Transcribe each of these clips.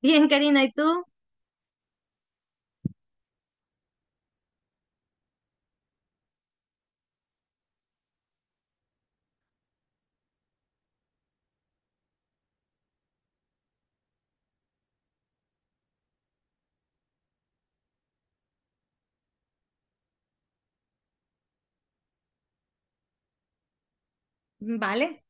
Bien, Karina, ¿y tú? Vale.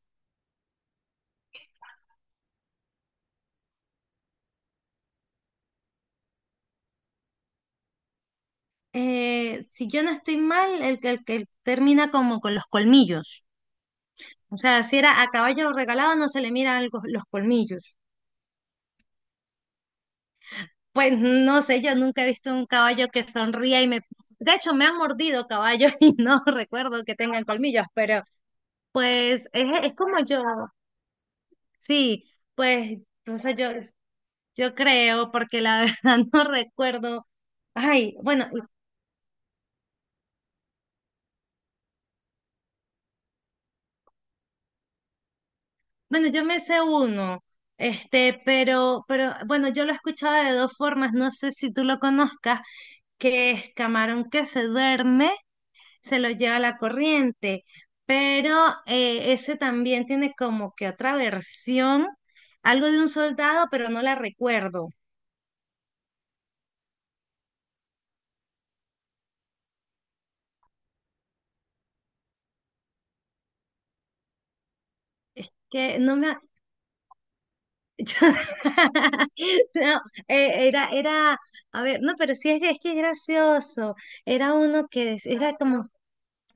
Si yo no estoy mal, el que termina como con los colmillos. O sea, si era a caballo regalado, no se le miran los colmillos. Pues no sé, yo nunca he visto un caballo que sonría y me... De hecho, me han mordido caballos y no recuerdo que tengan colmillos, pero pues es como yo. Sí, pues entonces yo creo, porque la verdad no recuerdo. Ay, bueno, bueno, yo me sé uno, este, pero bueno, yo lo he escuchado de dos formas, no sé si tú lo conozcas, que es camarón que se duerme, se lo lleva la corriente, pero ese también tiene como que otra versión, algo de un soldado, pero no la recuerdo, que no me... yo- No, era, a ver, no, pero sí es, que es gracioso, era uno era como...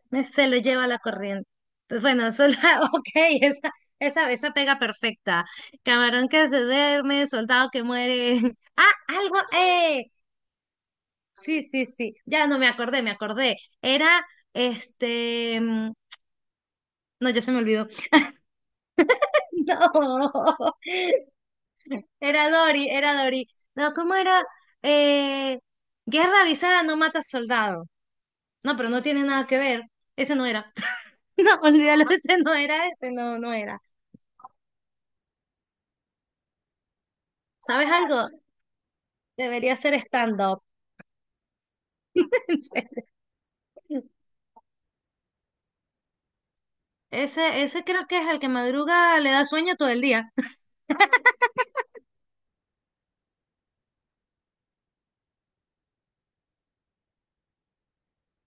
se lo lleva la corriente. Entonces, bueno, eso es la, ok, esa, esa pega perfecta. Camarón que se duerme, soldado que muere. Ah, algo, eh. Sí, sí, sí. Ya no me acordé, me acordé. Era, este, mm, no, ya se me olvidó. No, era Dory, era Dory. No, ¿cómo era? Eh, guerra avisada no mata soldado. No, pero no tiene nada que ver. Ese no era. No, olvídalo, ese no era, ese no, no era. ¿Sabes algo? Debería ser stand-up. Ese creo que es el que madruga, le da sueño todo el día.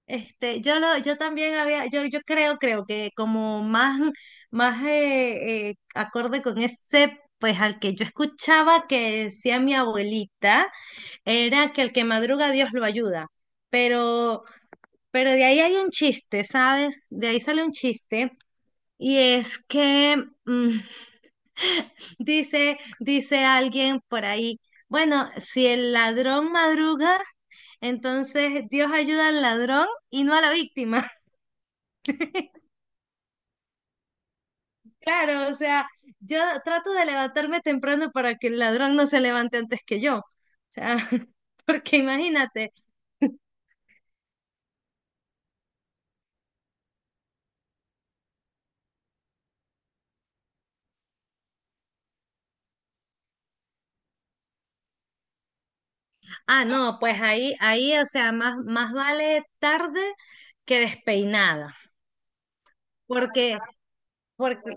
Este, yo también había, yo creo, creo que como más, más acorde con ese, pues al que yo escuchaba que decía mi abuelita, era que el que madruga Dios lo ayuda. Pero, pero de ahí hay un chiste, ¿sabes? De ahí sale un chiste. Y es que mm, dice alguien por ahí, bueno, si el ladrón madruga, entonces Dios ayuda al ladrón y no a la víctima. Claro, o sea, yo trato de levantarme temprano para que el ladrón no se levante antes que yo. O sea, porque imagínate, ah, no, pues o sea, más vale tarde que despeinada. Porque, porque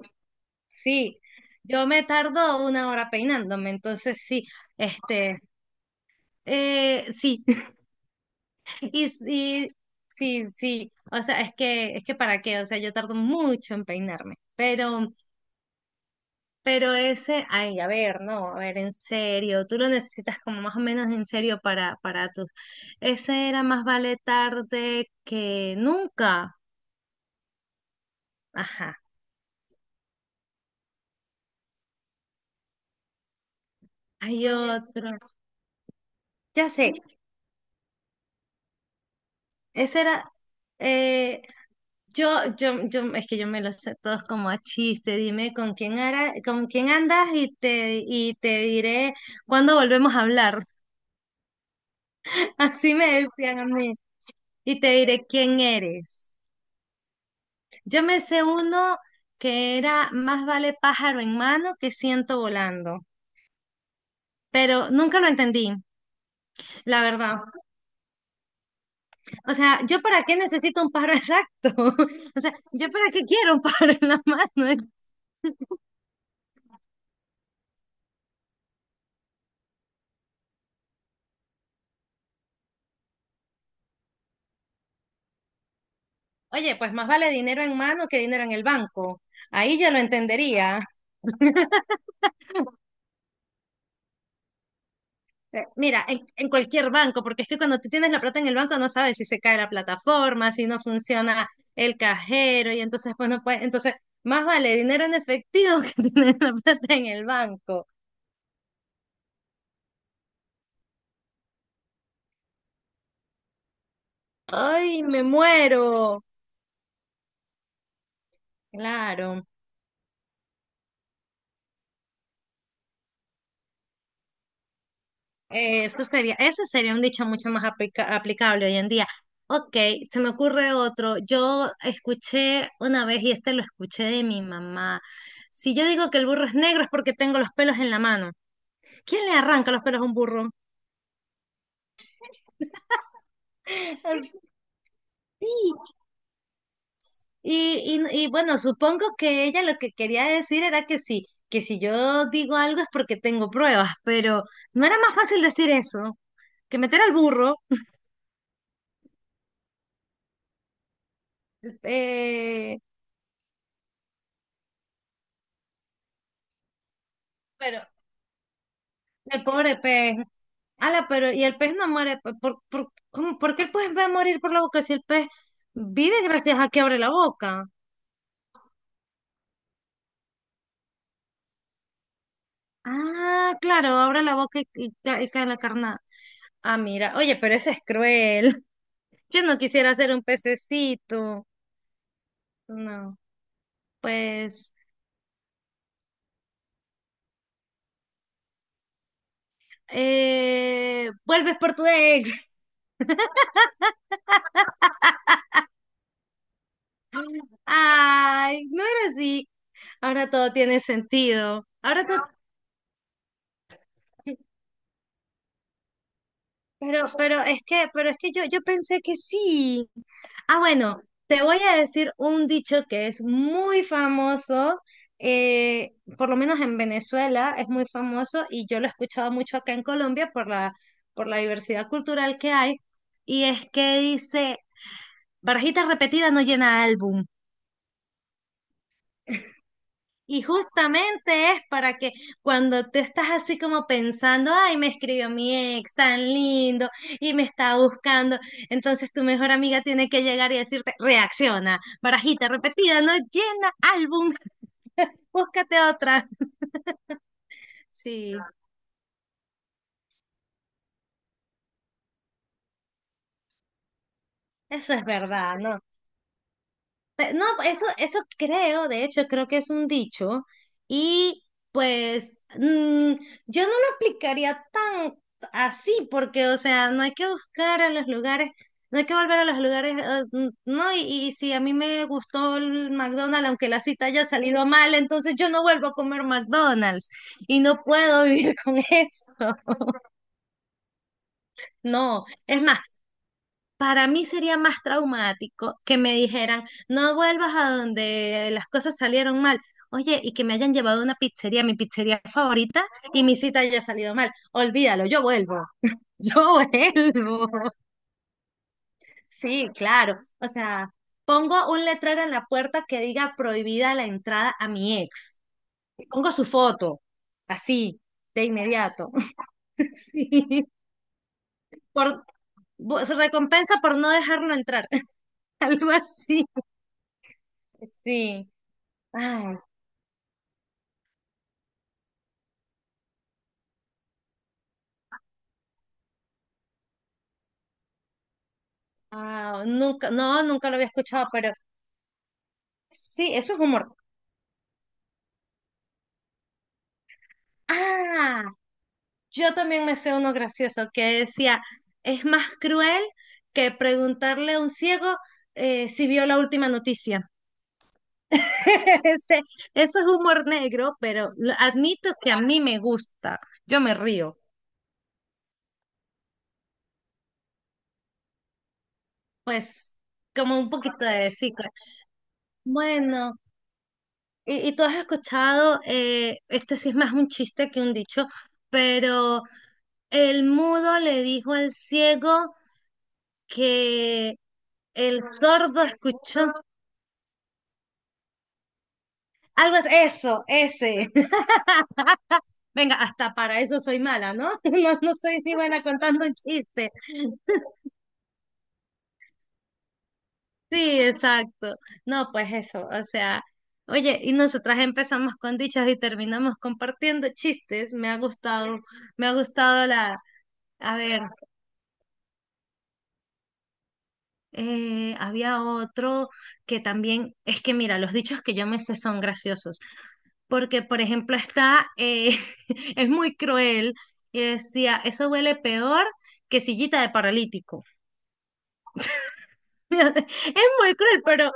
sí, yo me tardo una hora peinándome, entonces sí, este, sí, y sí, sí, sí, o sea, es que para qué, o sea, yo tardo mucho en peinarme, pero ese, ay, a ver, no, a ver, en serio, tú lo necesitas como más o menos en serio para tus, ese era más vale tarde que nunca, ajá, hay otro, ya sé, ese era, eh, yo, es que yo me los sé todos como a chiste, dime con quién andas y y te diré cuándo volvemos a hablar. Así me decían a mí. Y te diré quién eres. Yo me sé uno que era más vale pájaro en mano que ciento volando, pero nunca lo entendí, la verdad. O sea, ¿yo para qué necesito un pájaro exacto? O sea, ¿yo para qué quiero un pájaro en la mano? Oye, pues más vale dinero en mano que dinero en el banco. Ahí yo lo entendería. Mira, en cualquier banco, porque es que cuando tú tienes la plata en el banco no sabes si se cae la plataforma, si no funciona el cajero, y entonces bueno, pues no puedes, entonces más vale dinero en efectivo que tener la plata en el banco. ¡Ay, me muero! Claro, eso sería, ese sería un dicho mucho más aplicable hoy en día. Ok, se me ocurre otro. Yo escuché una vez, y este lo escuché de mi mamá. Si yo digo que el burro es negro es porque tengo los pelos en la mano. ¿Quién le arranca los pelos a un burro? Así. Y, y bueno, supongo que ella lo que quería decir era que sí, que si yo digo algo es porque tengo pruebas, pero no era más fácil decir eso que meter al burro. Eh, pero el pobre pez. Ala, pero y el pez no muere. ¿ Por qué el pez va a morir por la boca si el pez vive gracias a que abre la boca? Ah, claro, abre la boca y cae la carnada. Ah, mira, oye, pero ese es cruel. Yo no quisiera ser un pececito. No, pues. Eh, vuelves por tu ex. Ay, no era así. Ahora todo tiene sentido. Ahora todo. Pero, pero es que yo pensé que sí. Ah, bueno, te voy a decir un dicho que es muy famoso. Eh, por lo menos en Venezuela es muy famoso y yo lo he escuchado mucho acá en Colombia por la diversidad cultural que hay. Y es que dice. Barajita repetida no llena álbum. Y justamente es para que cuando te estás así como pensando, ay, me escribió mi ex tan lindo y me está buscando, entonces tu mejor amiga tiene que llegar y decirte, reacciona, barajita repetida no llena álbum, búscate otra. Sí, eso es verdad, ¿no? No, eso creo, de hecho, creo que es un dicho. Y pues mm, yo no lo aplicaría tan así, porque, o sea, no hay que buscar a los lugares, no hay que volver a los lugares, mm, no, y si a mí me gustó el McDonald's, aunque la cita haya salido mal, entonces yo no vuelvo a comer McDonald's y no puedo vivir con eso. No, es más, para mí sería más traumático que me dijeran, no vuelvas a donde las cosas salieron mal. Oye, y que me hayan llevado a una pizzería, mi pizzería favorita, y mi cita haya salido mal. Olvídalo, yo vuelvo. Yo vuelvo. Sí, claro. O sea, pongo un letrero en la puerta que diga prohibida la entrada a mi ex. Y pongo su foto, así, de inmediato. Sí. Por, Recompensa por no dejarlo entrar. Algo así. Sí. Ay, ah, nunca, no, nunca lo había escuchado, pero sí, eso es humor. Ah, yo también me sé uno gracioso que decía, es más cruel que preguntarle a un ciego si vio la última noticia. Ese, eso es humor negro, pero lo admito que a mí me gusta, yo me río, pues como un poquito de sí. Claro. Bueno. Y tú has escuchado, este sí es más un chiste que un dicho, pero el mudo le dijo al ciego que el sordo escuchó algo, ese. Venga, hasta para eso soy mala, ¿no? No, no soy ni buena contando un chiste. Sí, exacto. No, pues eso, o sea, oye, y nosotras empezamos con dichos y terminamos compartiendo chistes. Me ha gustado la, a ver. Había otro que también, es que mira, los dichos que yo me sé son graciosos, porque por ejemplo está, es muy cruel, y decía, eso huele peor que sillita de paralítico. Es muy cruel, pero,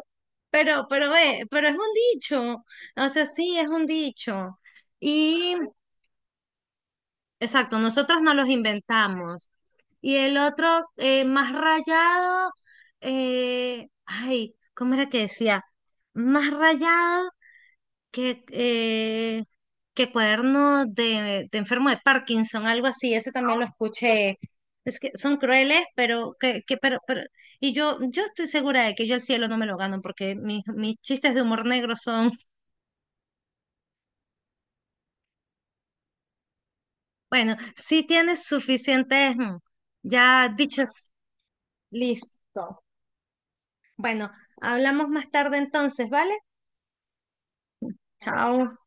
pero, ve, pero es un dicho, o sea, sí, es un dicho. Y, exacto, nosotros no los inventamos. Y el otro, más rayado, ay, ¿cómo era que decía? Más rayado que, eh, que cuaderno de enfermo de Parkinson, algo así, ese también lo escuché. Es que son crueles, pero que, pero, y yo estoy segura de que yo el cielo no me lo gano, porque mis chistes de humor negro son, bueno, sí tienes suficientes, mm, ya dichos, listo. Bueno, hablamos más tarde entonces, ¿vale? Chao.